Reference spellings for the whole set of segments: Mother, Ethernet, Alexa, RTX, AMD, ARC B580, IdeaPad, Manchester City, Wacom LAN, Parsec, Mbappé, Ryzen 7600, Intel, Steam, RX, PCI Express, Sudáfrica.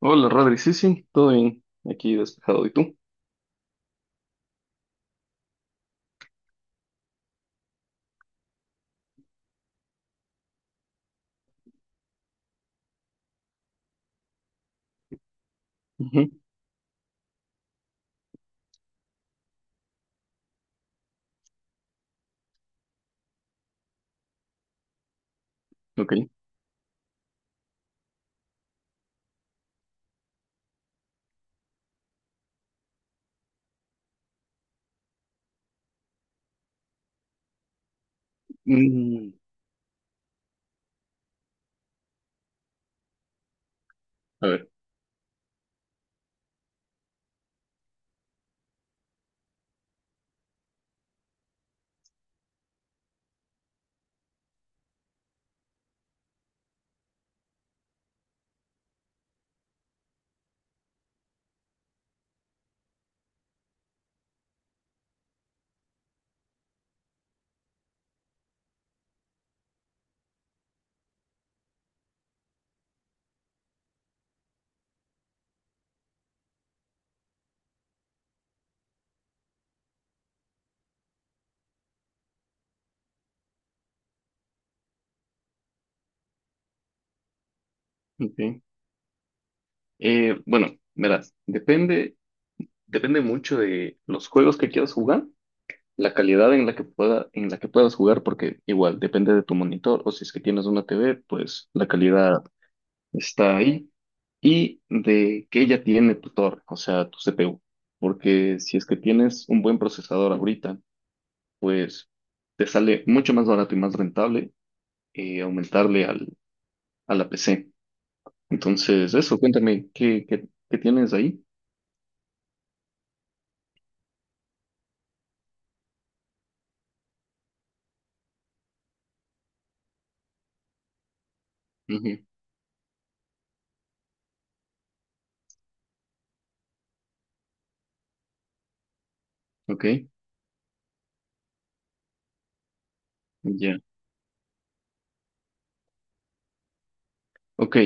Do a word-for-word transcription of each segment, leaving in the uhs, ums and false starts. Hola, Rodri. Sí, sí, todo bien. Aquí despejado. ¿Y tú? Ujú. Ok. Mm, a ver, ok. Eh, bueno, verás, depende, depende mucho de los juegos que quieras jugar, la calidad en la que pueda, en la que puedas jugar, porque igual depende de tu monitor, o si es que tienes una T V, pues la calidad está ahí, y de que ella tiene tu torre, o sea, tu C P U. Porque si es que tienes un buen procesador ahorita, pues te sale mucho más barato y más rentable, eh, aumentarle al, a la P C. Entonces, eso, cuéntame, ¿qué, qué, qué tienes ahí? Ujú. Ok. Ya. Ok,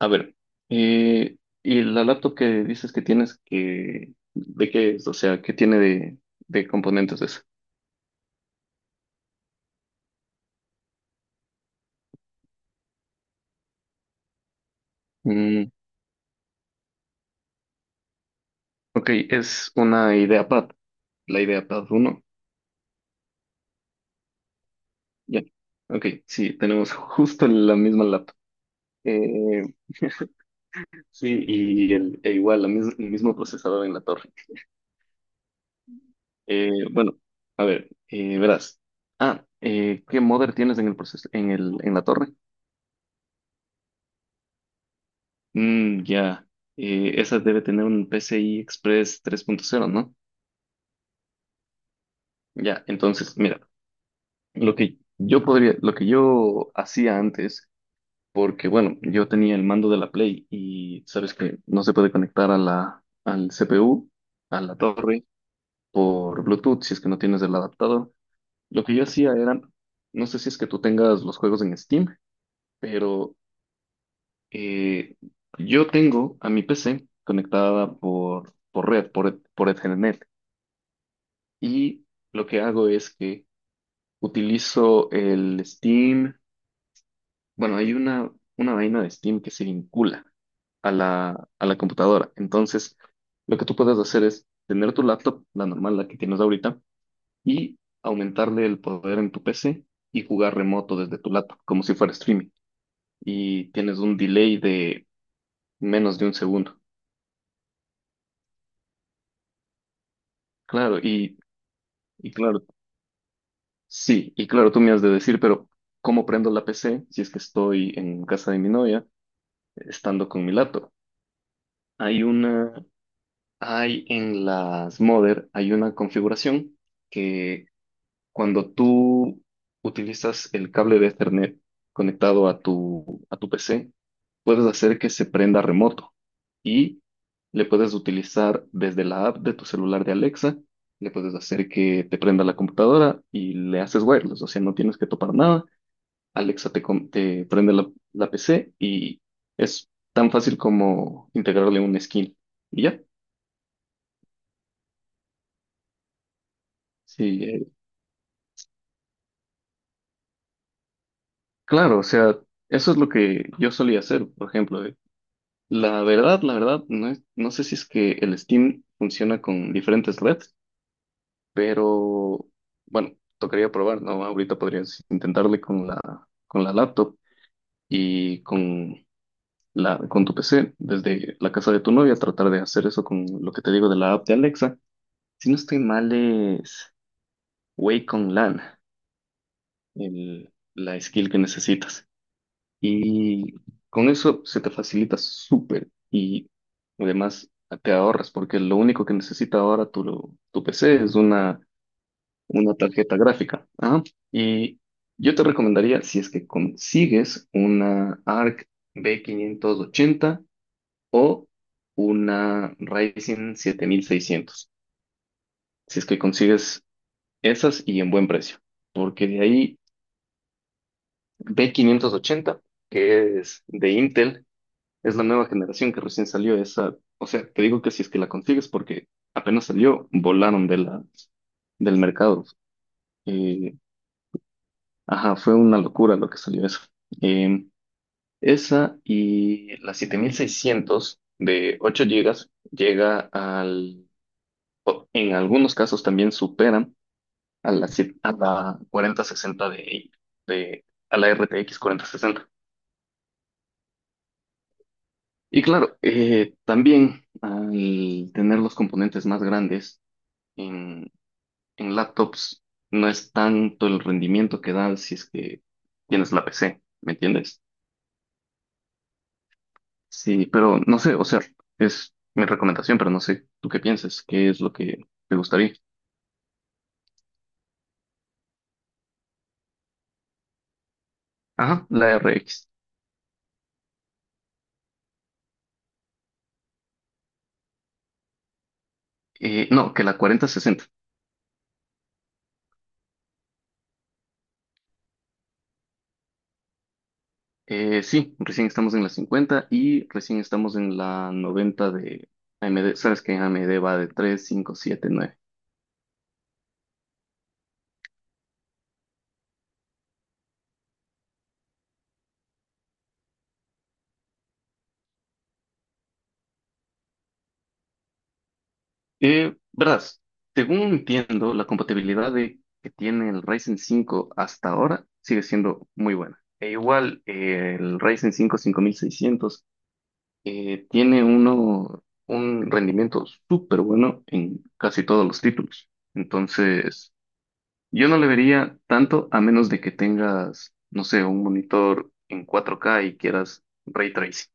a ver, eh, y la laptop que dices que tienes, que, ¿de qué es? O sea, ¿qué tiene de, de componentes eso? Mm, ok, es una IdeaPad, la IdeaPad uno. Ya, ok, sí, tenemos justo la misma laptop. Eh, sí, y el, e igual, la mis- el mismo procesador en la torre. Eh, bueno, a ver, eh, verás. Ah, eh, ¿qué modder tienes en el proceso, en el, en la torre? Mm, ya. Eh, esa debe tener un P C I Express tres punto cero, ¿no? Ya, entonces, mira, lo que yo podría, lo que yo hacía antes, porque bueno, yo tenía el mando de la Play y sabes que no se puede conectar a la, al C P U, a la torre, por Bluetooth, si es que no tienes el adaptador. Lo que yo hacía era, no sé si es que tú tengas los juegos en Steam, pero Eh, yo tengo a mi P C conectada por, por red, por, por Ethernet, y lo que hago es que utilizo el Steam. Bueno, hay una, una vaina de Steam que se vincula a la, a la computadora. Entonces, lo que tú puedes hacer es tener tu laptop, la normal, la que tienes ahorita, y aumentarle el poder en tu P C y jugar remoto desde tu laptop, como si fuera streaming. Y tienes un delay de menos de un segundo. Claro, y Y claro, sí, y claro, tú me has de decir, pero ¿cómo prendo la P C si es que estoy en casa de mi novia, estando con mi laptop? Hay una, hay en las Mother, hay una configuración que cuando tú utilizas el cable de Ethernet conectado a tu, a tu P C, puedes hacer que se prenda remoto y le puedes utilizar desde la app de tu celular de Alexa, le puedes hacer que te prenda la computadora y le haces wireless, o sea, no tienes que topar nada. Alexa te, com- te prende la, la P C y es tan fácil como integrarle un skin y ya. Sí, eh, claro, o sea, eso es lo que yo solía hacer, por ejemplo. eh. La verdad, la verdad, no es- no sé si es que el Steam funciona con diferentes redes, pero bueno, tocaría probar, ¿no? Ahorita podrías intentarle con la, con la laptop y con la, con tu P C, desde la casa de tu novia, tratar de hacer eso con lo que te digo de la app de Alexa. Si no estoy mal, es Wacom LAN, el- la skill que necesitas. Y con eso se te facilita súper y además te ahorras, porque lo único que necesita ahora tu, tu P C es una una tarjeta gráfica. Ajá. Y yo te recomendaría, si es que consigues una ARC B quinientos ochenta o una Ryzen siete mil seiscientos, si es que consigues esas y en buen precio, porque de ahí B quinientos ochenta, que es de Intel, es la nueva generación que recién salió esa, o sea, te digo que si es que la consigues porque apenas salió, volaron de la, del mercado. Eh, Ajá, fue una locura lo que salió eso. Eh, Esa y la siete mil seiscientos de ocho gigas llega al, o en algunos casos también superan a la, si- a la cuarenta sesenta de, de, a la R T X sesenta. Y claro, eh, también al tener los componentes más grandes en, en laptops, no es tanto el rendimiento que da si es que tienes la P C, ¿me entiendes? Sí, pero no sé, o sea, es mi recomendación, pero no sé tú qué piensas, qué es lo que te gustaría. Ajá, la R X. Eh, no, que la cuarenta sesenta. Eh, sí, recién estamos en la cincuenta y recién estamos en la noventa de A M D. Sabes que A M D va de tres cinco siete nueve. Eh, verás, según entiendo, la compatibilidad de, que tiene el Ryzen cinco hasta ahora sigue siendo muy buena. E igual, eh, el Ryzen cinco cinco mil seiscientos, eh, tiene uno un rendimiento súper bueno en casi todos los títulos. Entonces, yo no le vería tanto a menos de que tengas, no sé, un monitor en cuatro K y quieras ray tracing.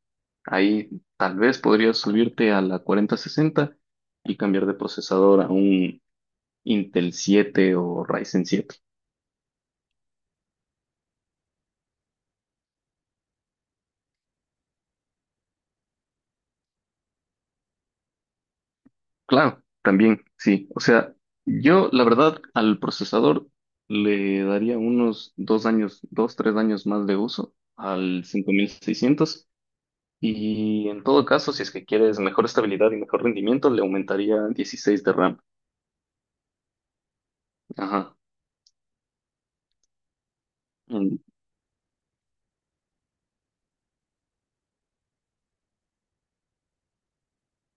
Ahí tal vez podrías subirte a la cuarenta sesenta y cambiar de procesador a un Intel siete o Ryzen siete. Claro, también, sí. O sea, yo la verdad al procesador le daría unos dos años, dos, tres años más de uso al cinco mil seiscientos, y en todo caso, si es que quieres mejor estabilidad y mejor rendimiento, le aumentaría dieciséis de RAM. Ajá. Mm.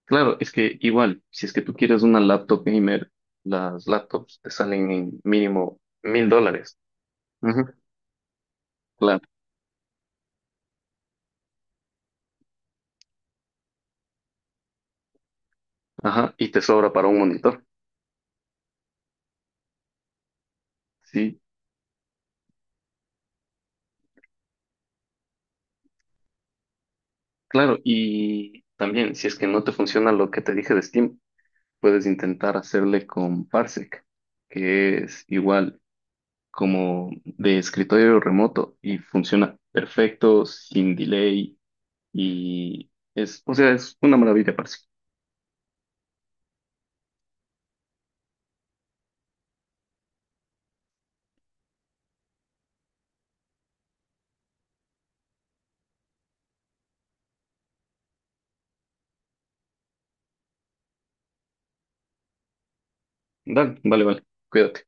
Claro, es que igual, si es que tú quieres una laptop gamer, las laptops te salen en mínimo mil dólares. Ujú. Claro, ajá, y te sobra para un monitor. Sí. Claro, y también, si es que no te funciona lo que te dije de Steam, puedes intentar hacerle con Parsec, que es igual como de escritorio remoto y funciona perfecto, sin delay, y es, o sea, es una maravilla, Parsec. Dale, vale, vale, cuídate.